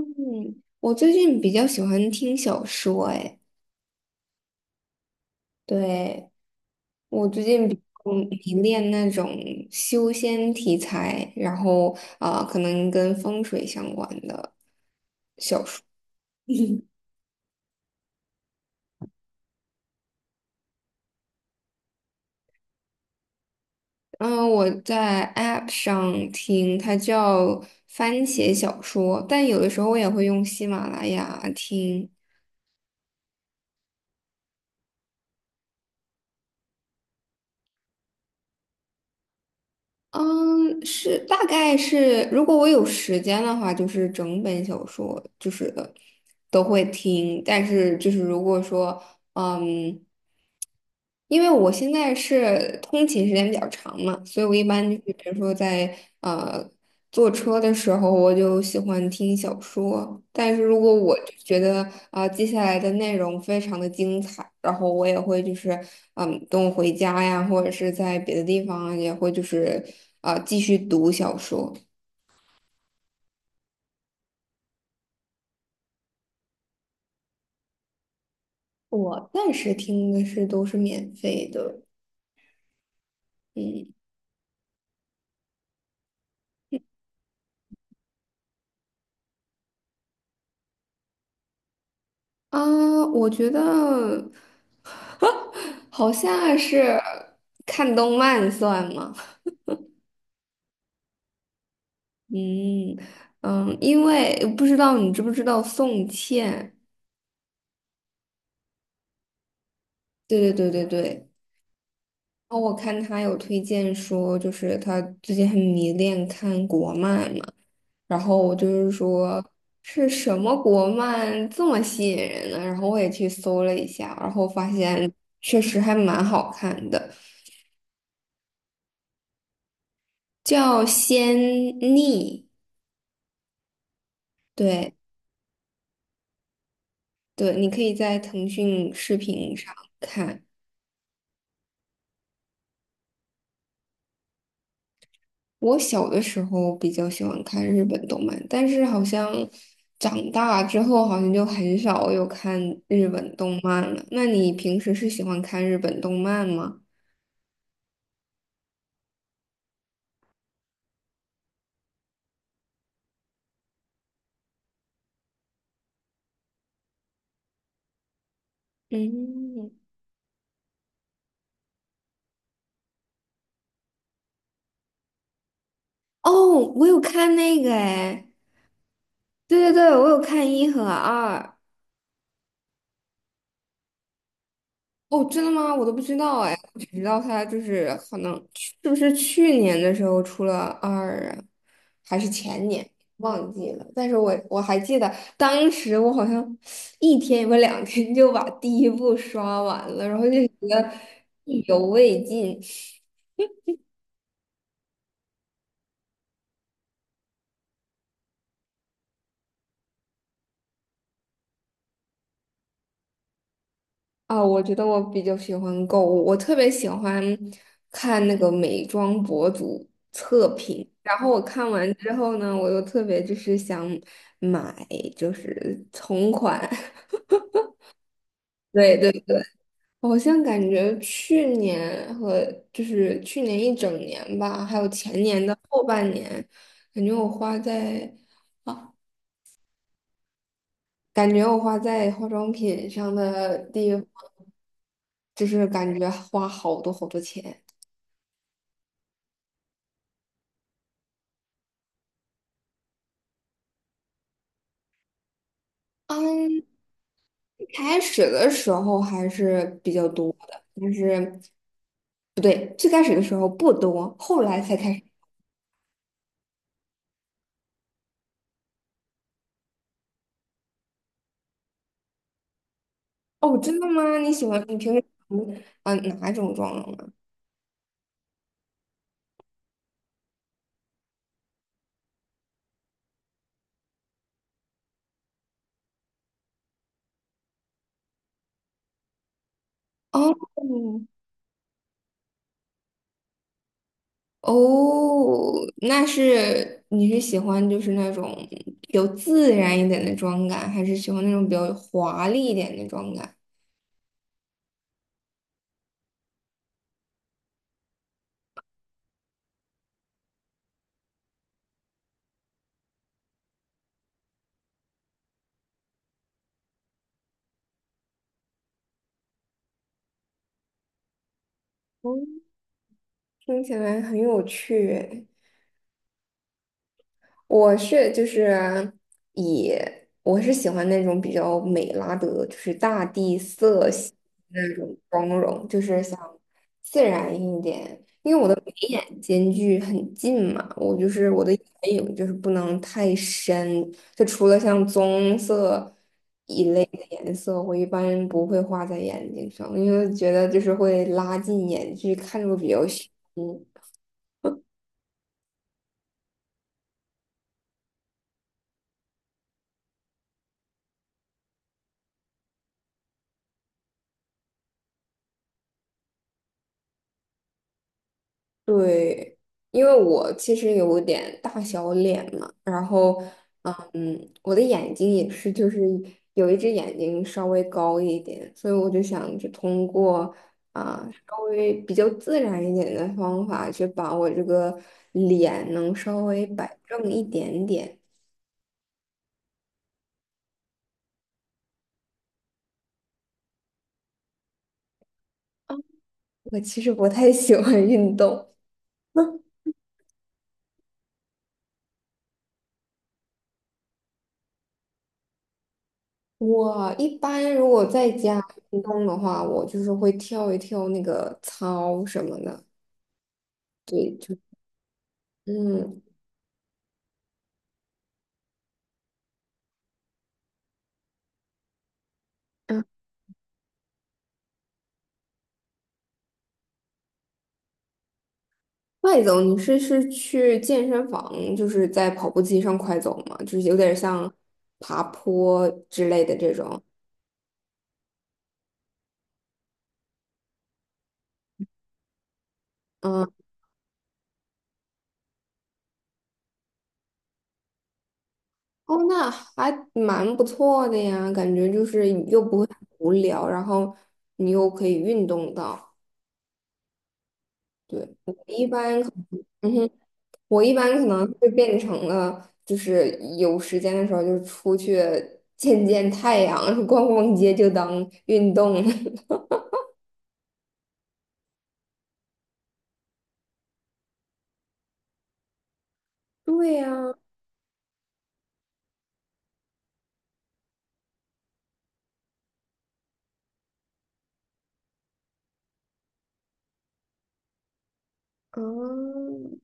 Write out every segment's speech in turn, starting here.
嗯，我最近比较喜欢听小说，哎，对，我最近比较迷恋那种修仙题材，然后可能跟风水相关的。嗯，我在 App 上听，它叫番茄小说，但有的时候我也会用喜马拉雅听。嗯，是大概是，如果我有时间的话，就是整本小说就是都会听，但是就是如果说，嗯。因为我现在是通勤时间比较长嘛，所以我一般就是比如说在坐车的时候，我就喜欢听小说。但是如果我就觉得接下来的内容非常的精彩，然后我也会就是嗯等我回家呀，或者是在别的地方啊也会就是继续读小说。我暂时听的是都是免费的，嗯。啊，我觉得 好像是看动漫算吗？嗯嗯，因为不知道你知不知道宋茜？对对对对对。然后我看她有推荐说，就是她最近很迷恋看国漫嘛，然后我就是说是什么国漫这么吸引人呢？然后我也去搜了一下，然后发现确实还蛮好看的，叫《仙逆》。对对，你可以在腾讯视频上看。我小的时候比较喜欢看日本动漫，但是好像长大之后好像就很少有看日本动漫了。那你平时是喜欢看日本动漫吗？嗯，哦，我有看那个哎，对对对，我有看一和二。哦，真的吗？我都不知道哎，我只知道他就是可能是不是去年的时候出了二啊，还是前年忘记了。但是我还记得当时我好像一天或两天就把第一部刷完了，然后就觉得意犹未尽。啊，我觉得我比较喜欢购物，我特别喜欢看那个美妆博主测评，然后我看完之后呢，我又特别就是想买，就是同款。对对对，好像感觉去年和就是去年一整年吧，还有前年的后半年，感觉我花在感觉我花在化妆品上的地方，就是感觉花好多好多钱。嗯。开始的时候还是比较多的，但是不对，最开始的时候不多，后来才开始。哦，真的吗？你喜欢你平时嗯、呃哪种妆容啊？哦哦，那是你是喜欢就是那种比较自然一点的妆感，还是喜欢那种比较华丽一点的妆感？哦，听起来很有趣诶我是就是以我是喜欢那种比较美拉德，就是大地色系那种妆容，就是想自然一点。因为我的眉眼间距很近嘛，我就是我的眼影就是不能太深，就除了像棕色一类的颜色，我一般不会画在眼睛上，因为觉得就是会拉近眼距，看着会比较凶。对，因为我其实有点大小脸嘛，然后，嗯，我的眼睛也是，就是有一只眼睛稍微高一点，所以我就想就通过稍微比较自然一点的方法，去把我这个脸能稍微摆正一点点。我其实不太喜欢运动，我一般如果在家运动的话，我就是会跳一跳那个操什么的，对，就嗯。快走，你是是去健身房，就是在跑步机上快走吗？就是有点像爬坡之类的这种。嗯，哦，那还蛮不错的呀，感觉就是又不会很无聊，然后你又可以运动到。对，嗯哼，我一般可能会变成了，就是有时间的时候就出去 见见太阳，逛逛街就当运动了。对呀，嗯，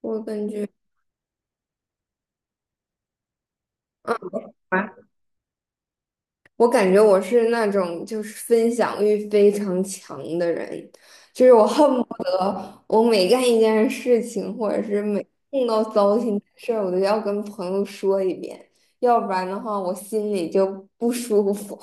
我感觉。我感觉我是那种就是分享欲非常强的人，就是我恨不得我每干一件事情，或者是每碰到糟心的事儿，我都要跟朋友说一遍，要不然的话我心里就不舒服。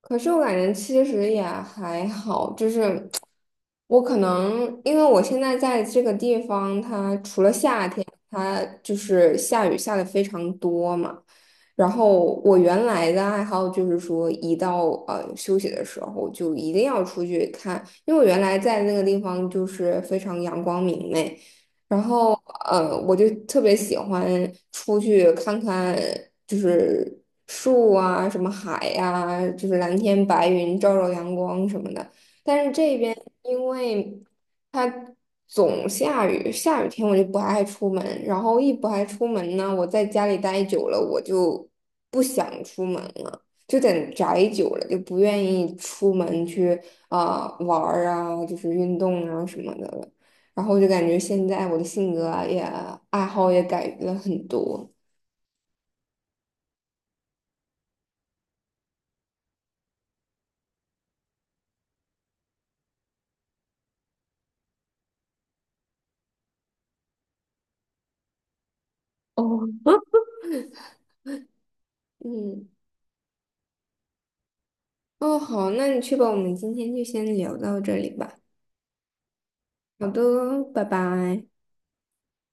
可是我感觉其实也还好，就是我可能因为我现在在这个地方，它除了夏天，它就是下雨下的非常多嘛。然后我原来的爱好就是说，一到休息的时候，就一定要出去看，因为我原来在那个地方就是非常阳光明媚，然后我就特别喜欢出去看看，就是树啊，什么海呀、就是蓝天白云、照照阳光什么的。但是这边因为它总下雨，下雨天我就不爱出门，然后一不爱出门呢，我在家里待久了，我就不想出门了。就在宅久了，就不愿意出门去玩儿啊，就是运动啊什么的了。然后我就感觉现在我的性格啊也爱好也改变了很多。哦，嗯，哦，好，那你去吧，我们今天就先聊到这里吧。好的，拜拜。